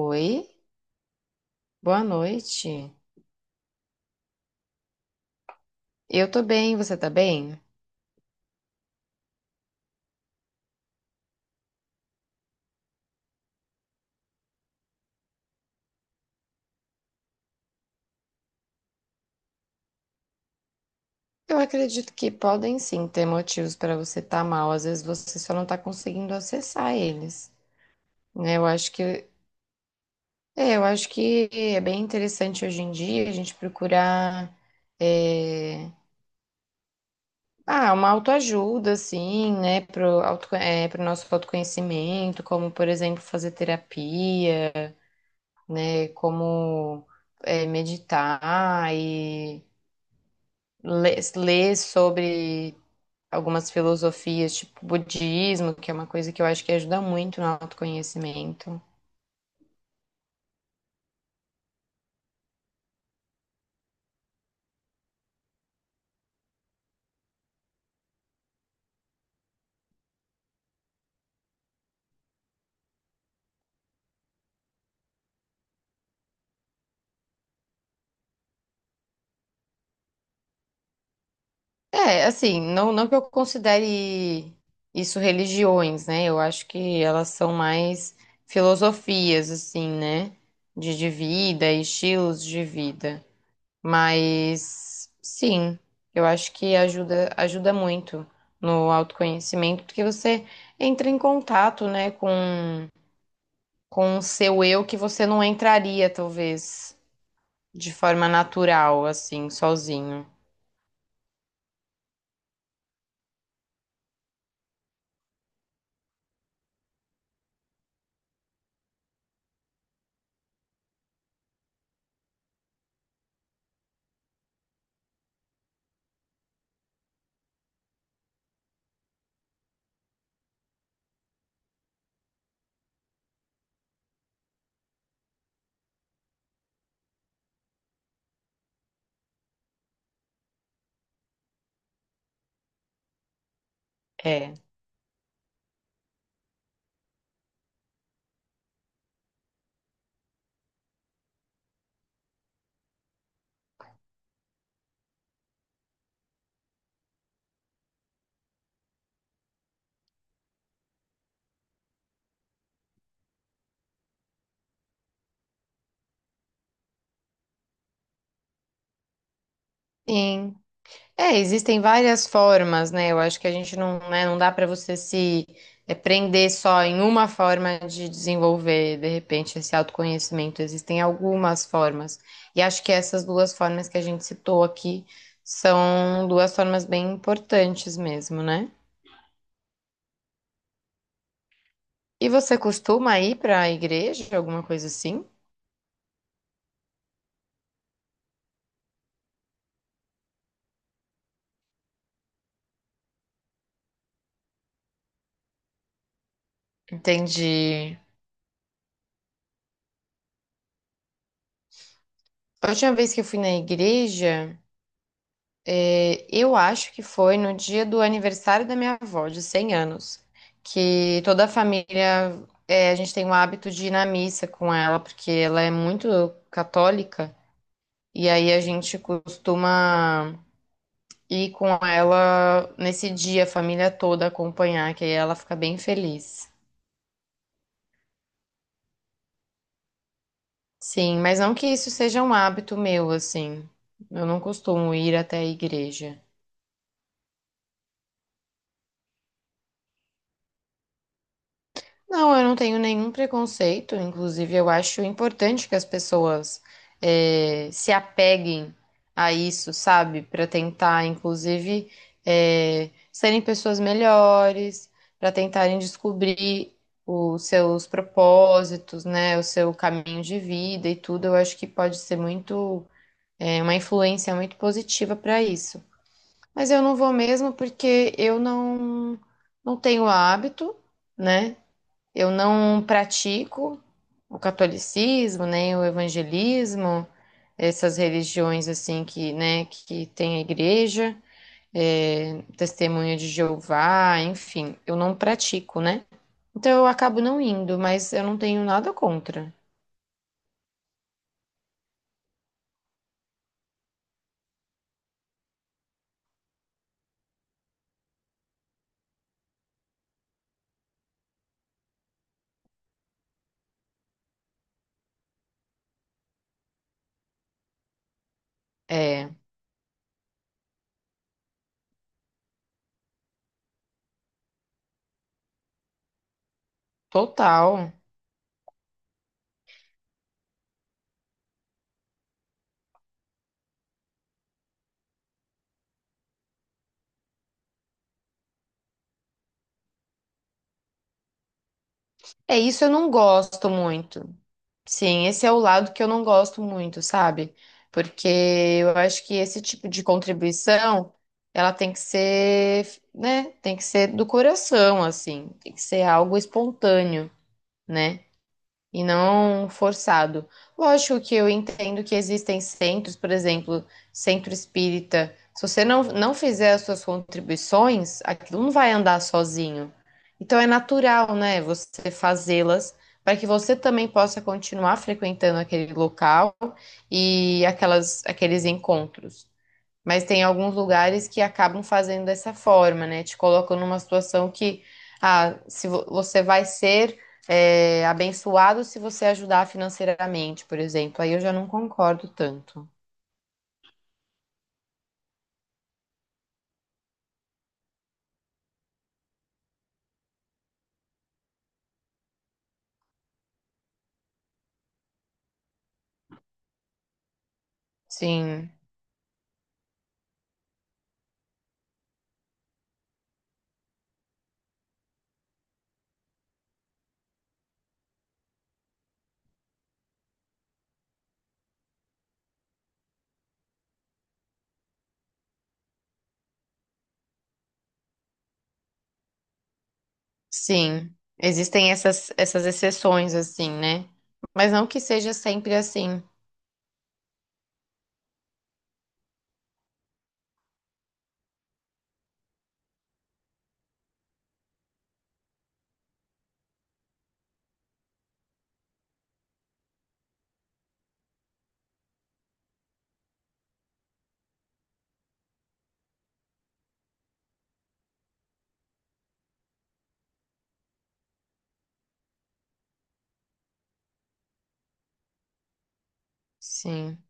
Oi, boa noite. Eu tô bem, você tá bem? Eu acredito que podem sim ter motivos para você estar mal, às vezes você só não tá conseguindo acessar eles, né? Eu acho que é bem interessante hoje em dia a gente procurar é, uma autoajuda assim, né, pro nosso autoconhecimento, como por exemplo fazer terapia, né, como meditar e ler sobre algumas filosofias, tipo budismo, que é uma coisa que eu acho que ajuda muito no autoconhecimento. É, assim, não que eu considere isso religiões, né? Eu acho que elas são mais filosofias, assim, né? De vida, estilos de vida. Mas, sim, eu acho que ajuda, ajuda muito no autoconhecimento, porque você entra em contato, né, com o seu eu que você não entraria, talvez, de forma natural, assim, sozinho. É. Sim. É, existem várias formas, né? Eu acho que a gente não, né, não dá para você se prender só em uma forma de desenvolver, de repente, esse autoconhecimento. Existem algumas formas. E acho que essas duas formas que a gente citou aqui são duas formas bem importantes mesmo, né? E você costuma ir para a igreja, alguma coisa assim? Entendi. A última vez que eu fui na igreja, eu acho que foi no dia do aniversário da minha avó, de 100 anos, que toda a família, a gente tem o hábito de ir na missa com ela, porque ela é muito católica, e aí a gente costuma ir com ela nesse dia, a família toda acompanhar, que aí ela fica bem feliz. Sim, mas não que isso seja um hábito meu, assim. Eu não costumo ir até a igreja. Não, eu não tenho nenhum preconceito. Inclusive, eu acho importante que as pessoas se apeguem a isso, sabe? Para tentar, inclusive, serem pessoas melhores, para tentarem descobrir os seus propósitos, né? O seu caminho de vida e tudo. Eu acho que pode ser muito, uma influência muito positiva para isso. Mas eu não vou mesmo porque eu não tenho hábito né? Eu não pratico o catolicismo, nem o evangelismo, essas religiões assim que, né, que tem a igreja, é, testemunha de Jeová, enfim, eu não pratico, né? Então eu acabo não indo, mas eu não tenho nada contra. É, total. É isso eu não gosto muito. Sim, esse é o lado que eu não gosto muito, sabe? Porque eu acho que esse tipo de contribuição, ela tem que ser, né? Tem que ser do coração, assim. Tem que ser algo espontâneo, né? E não forçado. Lógico que eu entendo que existem centros, por exemplo, centro espírita. Se você não fizer as suas contribuições, aquilo não vai andar sozinho. Então é natural, né, você fazê-las para que você também possa continuar frequentando aquele local e aqueles encontros. Mas tem alguns lugares que acabam fazendo dessa forma, né? Te colocam numa situação que, ah, se vo- você vai ser, abençoado se você ajudar financeiramente, por exemplo. Aí eu já não concordo tanto. Sim, sim. Existem essas exceções, assim, né? Mas não que seja sempre assim. Sim,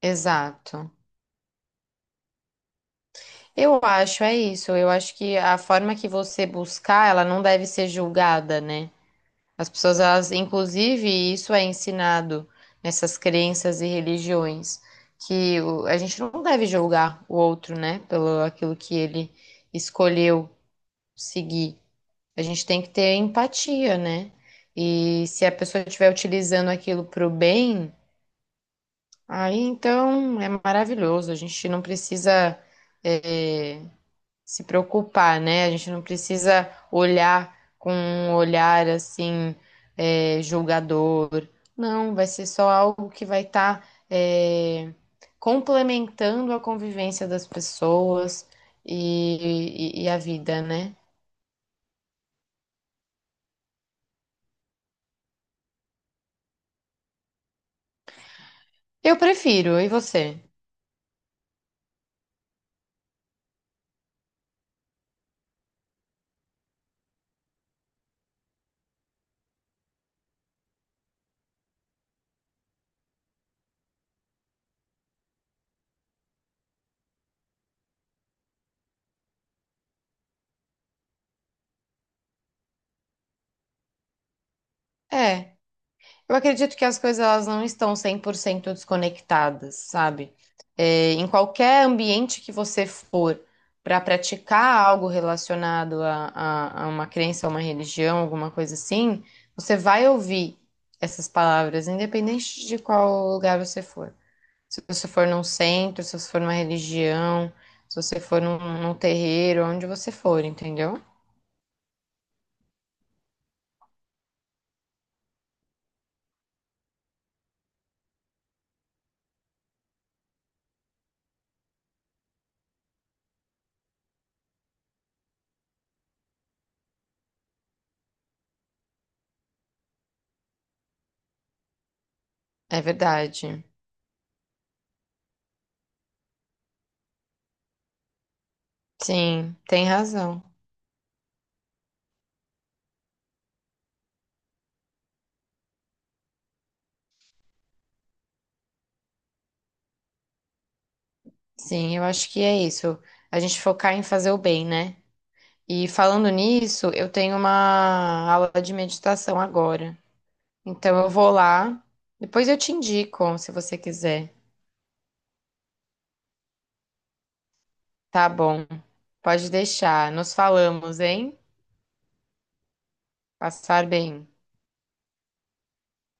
exato. É isso. Eu acho que a forma que você buscar, ela não deve ser julgada, né? As pessoas, elas, inclusive, isso é ensinado nessas crenças e religiões, que a gente não deve julgar o outro, né, pelo aquilo que ele escolheu seguir. A gente tem que ter empatia, né? E se a pessoa estiver utilizando aquilo para o bem, aí então é maravilhoso. A gente não precisa, eh, se preocupar, né? A gente não precisa olhar com um olhar assim, julgador. Não, vai ser só algo que vai estar complementando a convivência das pessoas e a vida, né? Eu prefiro, e você? É. Eu acredito que as coisas elas não estão 100% desconectadas, sabe? É, em qualquer ambiente que você for para praticar algo relacionado a, a uma crença, a uma religião, alguma coisa assim, você vai ouvir essas palavras, independente de qual lugar você for. Se você for num centro, se você for numa religião, se você for num terreiro, onde você for, entendeu? É verdade. Sim, tem razão. Sim, eu acho que é isso. A gente focar em fazer o bem, né? E falando nisso, eu tenho uma aula de meditação agora. Então eu vou lá. Depois eu te indico, se você quiser. Tá bom. Pode deixar. Nos falamos, hein? Passar bem.